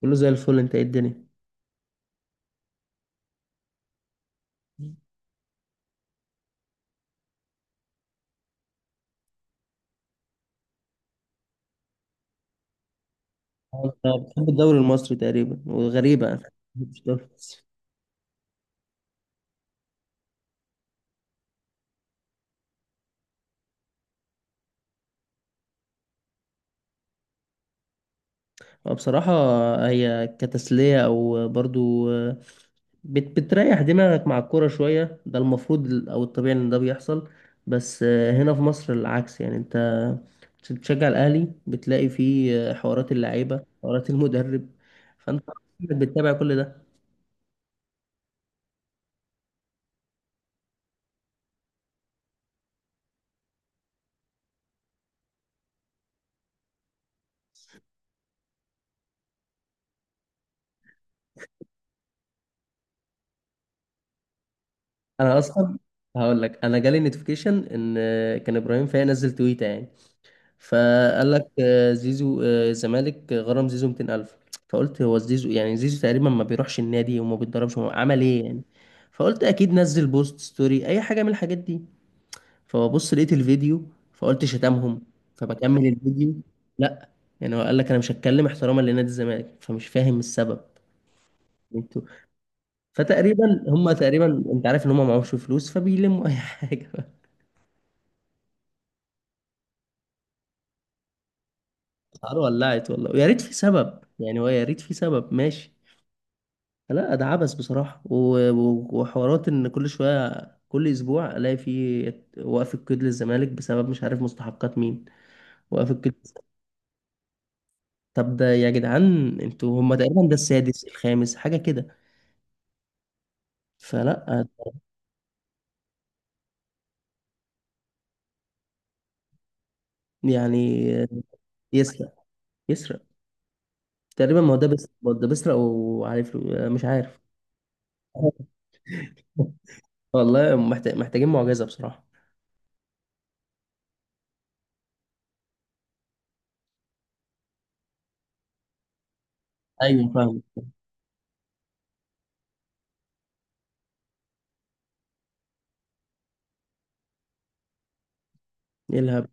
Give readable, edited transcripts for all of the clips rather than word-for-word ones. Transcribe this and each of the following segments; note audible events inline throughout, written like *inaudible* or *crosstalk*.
كله زي الفل، انت ايه الدنيا؟ انا بحب الدوري المصري تقريبا، وغريبة انا. مش الدوري المصري. هو بصراحة، هي كتسلية او برضو بتريح دماغك مع الكورة شوية. ده المفروض او الطبيعي ان ده بيحصل، بس هنا في مصر العكس. يعني انت بتشجع الاهلي، بتلاقي فيه حوارات اللعيبة، حوارات المدرب. فانت بتتابع كل ده. انا اصلا هقول لك، انا جالي نوتيفيكيشن ان كان ابراهيم فايق نزل تويته يعني، فقال لك زيزو، الزمالك غرم زيزو 200,000. فقلت هو زيزو يعني؟ زيزو تقريبا ما بيروحش النادي وما بيتدربش، هو عمل ايه يعني؟ فقلت اكيد نزل بوست، ستوري، اي حاجه من الحاجات دي. فببص لقيت الفيديو، فقلت شتمهم. فبكمل الفيديو، لا. يعني هو قال لك انا مش هتكلم احتراما لنادي الزمالك، فمش فاهم السبب. انتوا. فتقريبا هم تقريبا، انت عارف ان هم معهمش فلوس فبيلموا اي حاجه. *laughs* الحوار ولعت والله، ويا ريت في سبب يعني، هو يا ريت في سبب ماشي. لا، ده عبث بصراحة، وحوارات ان كل شوية، كل اسبوع الاقي فيه وقف القيد للزمالك بسبب مش عارف مستحقات مين. وقف القيد؟ طب ده يا جدعان، انتوا هما تقريبا ده السادس، الخامس، حاجة كده. فلا يعني. يسرق، يسرق. تقريبا ما هو ده بيسرق، ما هو ده بيسرق وعليه فلوس. مش عارف. *laughs* والله محتاج، محتاجين معجزة بصراحة. ايوه فاهم. ايه الهبل؟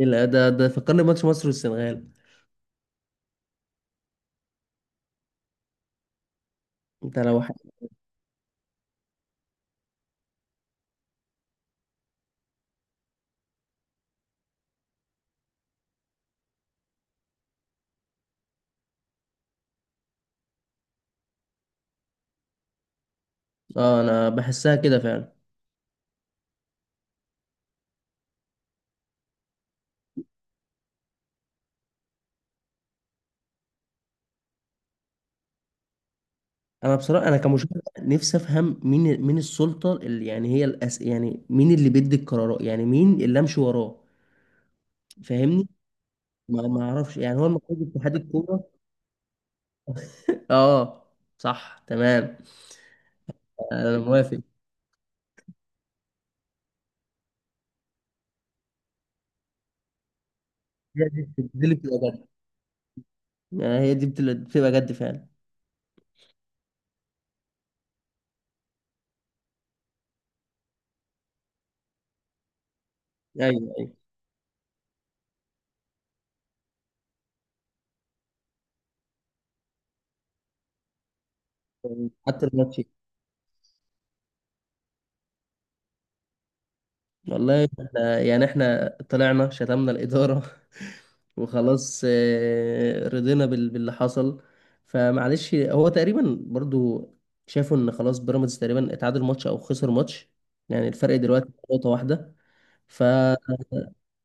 ايه الهبل؟ ده فكرني بماتش مصر والسنغال. انت لو ح... اه انا بحسها كده فعلا. انا بصراحه، انا كمشاهد، نفسي افهم مين السلطه اللي يعني هي يعني مين اللي بيدي القرارات، يعني مين اللي امشي وراه؟ فاهمني؟ ما اعرفش. يعني هو المفروض اتحاد الكوره. اه، صح، تمام، انا موافق. هي دي اللي بتبقى جد. يعني هي دي بتبقى جد فعلا. ايوه، ايوه. حتى الماتش. والله يعني احنا طلعنا شتمنا الإدارة. *laughs* وخلاص رضينا باللي حصل. فمعلش، هو تقريبا برضو شافوا ان خلاص بيراميدز تقريبا اتعادل ماتش او خسر ماتش. يعني الفرق دلوقتي نقطة واحدة. ف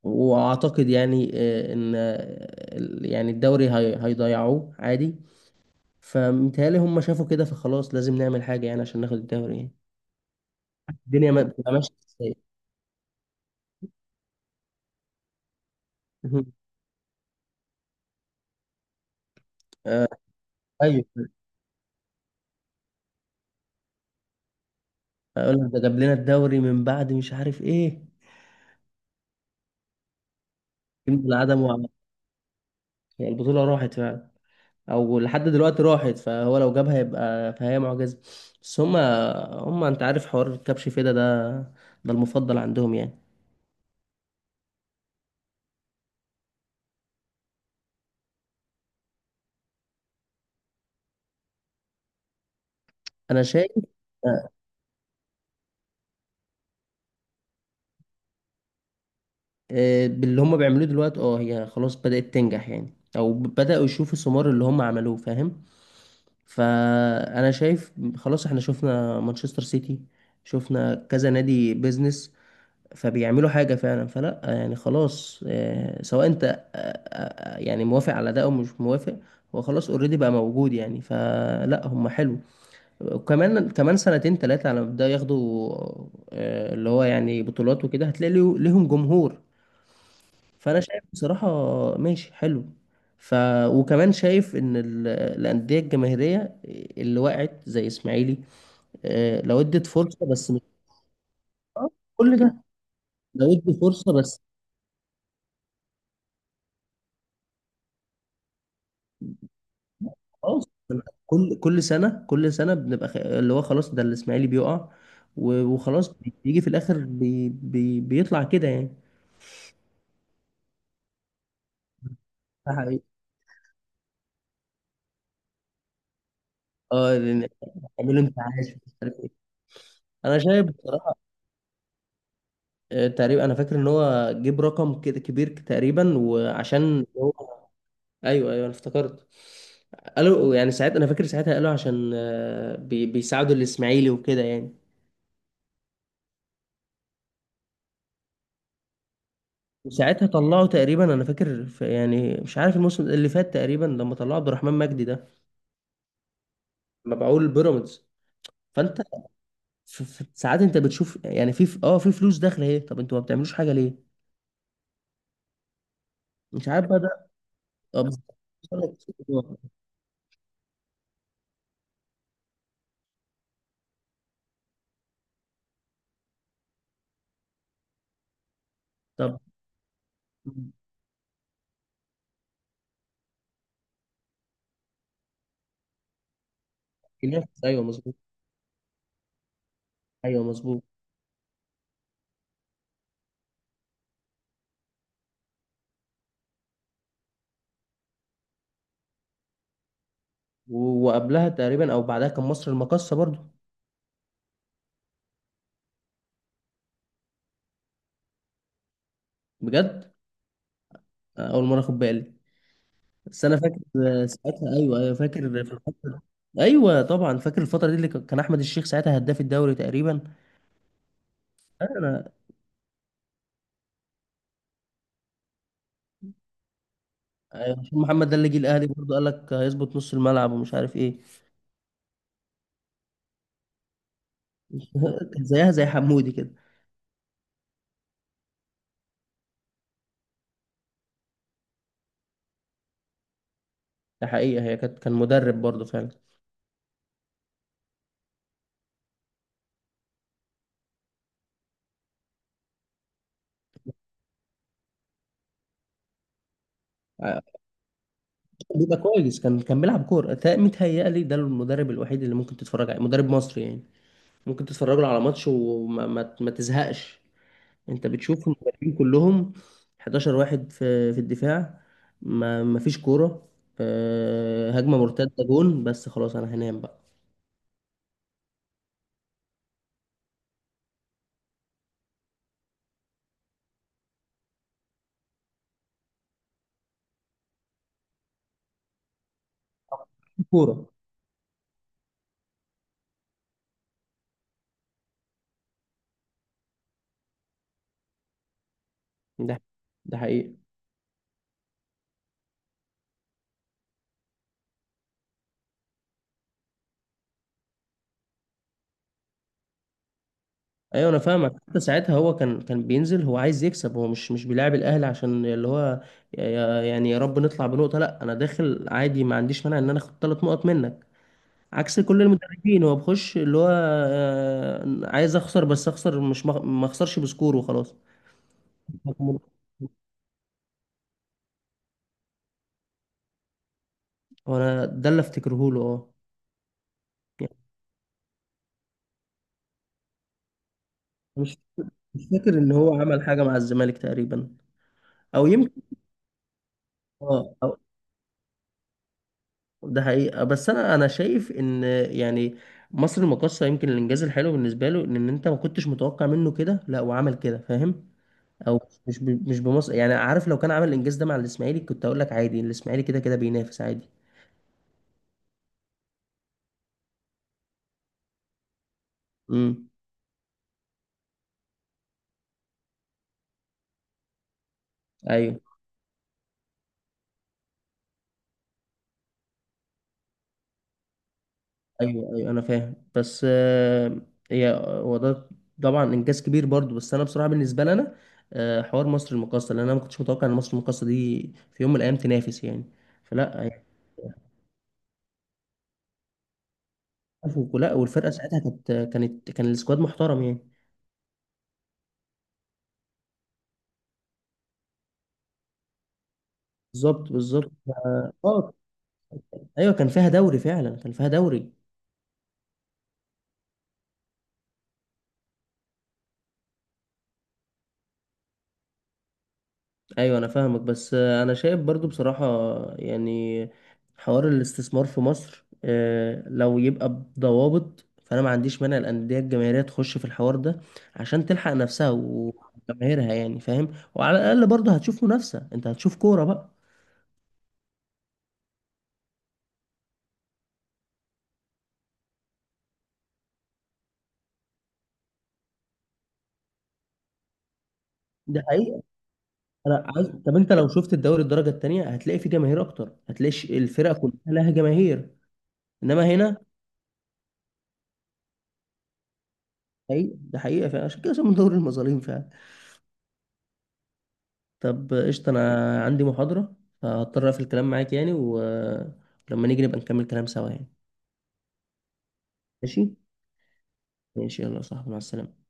واعتقد يعني ان يعني الدوري هيضيعوه عادي. فمتهيألي هم شافوا كده، فخلاص لازم نعمل حاجة يعني عشان ناخد الدوري يعني. الدنيا ما بتبقى ماشية ازاي. *laughs* آه، ايوه. اقول لك، ده جاب لنا الدوري من بعد مش عارف ايه. يمكن العدم وعمل. يعني البطوله راحت فعلا، او لحد دلوقتي راحت، فهو لو جابها يبقى فهي معجزه. بس هما انت عارف حوار الكبش فيدا ده، ده المفضل عندهم يعني. انا شايف آه، باللي هما بيعملوه دلوقتي. اه، هي خلاص بدات تنجح يعني، او بداوا يشوفوا ثمار اللي هما عملوه، فاهم؟ فانا شايف خلاص. احنا شفنا مانشستر سيتي، شفنا كذا نادي بيزنس، فبيعملوا حاجة فعلا. فلا يعني خلاص، سواء انت يعني موافق على ده او مش موافق، هو خلاص اوريدي بقى موجود يعني. فلا، هم حلو. وكمان كمان سنتين تلاتة على ما يبدأوا ياخدوا اللي هو يعني بطولات وكده، هتلاقي ليهم جمهور. فانا شايف بصراحة ماشي، حلو. ف وكمان شايف ان الانديه الجماهيريه اللي وقعت زي اسماعيلي، لو ادت فرصه بس، مش آه، كل ده لو ادي فرصه بس، خلاص. كل سنه، كل سنه بنبقى اللي هو خلاص، ده الاسماعيلي بيقع وخلاص. بيجي في الاخر بيطلع كده يعني. ده حقيقي. اه اعملوا انتعاش مش عارف ايه. انا شايف بصراحه تقريبا انا فاكر ان هو جيب رقم كده كبير تقريبا، وعشان هو. ايوه ايوه، انا افتكرت. قالوا يعني ساعات، انا فاكر ساعتها قالوا عشان بيساعدوا الاسماعيلي وكده يعني. وساعتها طلعوا تقريبا، انا فاكر في يعني مش عارف الموسم اللي فات تقريبا لما طلعوا عبد الرحمن مجدي ده مبيعوه لبيراميدز. فانت في في ساعات انت بتشوف يعني في ف- اه في فلوس داخله اهي، طب انتوا ما بتعملوش حاجه ليه؟ مش عارف بقى ده. طب. *laughs* طب. ينافس، ايوه مظبوط. ايوه مظبوط. وقبلها تقريبا او بعدها كان مصر المقاصه برضو. بجد، اول مره اخد بالي. بس انا فاكر ساعتها، ايوه ايوه فاكر في الفتره. ايوه طبعا، فاكر الفتره دي اللي كان احمد الشيخ ساعتها هداف الدوري تقريبا. انا. أيوة، عشان محمد ده اللي جه الاهلي برضه قال لك هيظبط نص الملعب ومش عارف ايه. *laughs* كان زيها زي حمودي كده. ده حقيقه، هي كان مدرب برضه فعلا. آه، بيبقى كويس. كان بيلعب كوره متهيألي ده المدرب الوحيد اللي ممكن تتفرج عليه مدرب مصري يعني. ممكن تتفرج له على ماتش وما ما تزهقش. انت بتشوف المدربين كلهم 11 واحد في الدفاع. ما فيش كوره. هجمه مرتده جون بس، خلاص انا هنام بقى. كوره. ده ده حقيقي. ايوه انا فاهمك. حتى ساعتها هو كان بينزل هو عايز يكسب. هو مش بيلاعب الاهلي عشان اللي هو يعني يا رب نطلع بنقطه. لا، انا داخل عادي ما عنديش مانع ان انا اخد ثلاث نقط منك. عكس كل المدربين، هو بخش اللي هو عايز اخسر بس اخسر، مش مخ- ما اخسرش بسكور وخلاص. هو انا ده اللي افتكره له، اه. يعني مش مش فاكر ان هو عمل حاجه مع الزمالك تقريبا، او يمكن. اه، ده حقيقة. بس انا شايف ان يعني مصر المقاصة يمكن الانجاز الحلو بالنسبة له ان انت ما كنتش متوقع منه كده، لا وعمل كده فاهم؟ او مش بمصر، يعني عارف لو كان عمل الانجاز ده مع الاسماعيلي كنت اقول لك عادي، الاسماعيلي كده كده بينافس عادي. امم. ايوه ايوه ايوه، انا فاهم. بس هي هو ده، طبعا انجاز كبير برضو. بس انا بصراحة بالنسبة لنا حوار مصر المقاصة، لان انا ما كنتش متوقع ان مصر المقاصة دي في يوم من الايام تنافس يعني. فلا. عفوا لا، والفرقه ساعتها كانت، كان السكواد محترم يعني. بالظبط بالظبط. اه، ايوه كان فيها دوري فعلا، كان فيها دوري. ايوه انا فاهمك. بس انا شايف برضو بصراحه يعني حوار الاستثمار في مصر، لو يبقى بضوابط، فانا ما عنديش مانع الانديه الجماهيريه تخش في الحوار ده عشان تلحق نفسها وجماهيرها يعني، فاهم؟ وعلى الاقل برضو هتشوف منافسه، انت هتشوف كوره بقى. ده حقيقي. انا عايز. طب انت لو شفت الدوري الدرجه الثانيه، هتلاقي فيه جماهير اكتر، هتلاقي الفرق كلها لها جماهير. انما هنا. حقيقة، ده حقيقه فعلا، عشان كده اسمه دوري المظالم فعلا. طب قشطه، انا عندي محاضره، فهضطر اقفل الكلام معاك يعني، ولما نيجي نبقى نكمل كلام سوا يعني. ماشي. ماشي. يلا يا صاحبي، مع السلامه.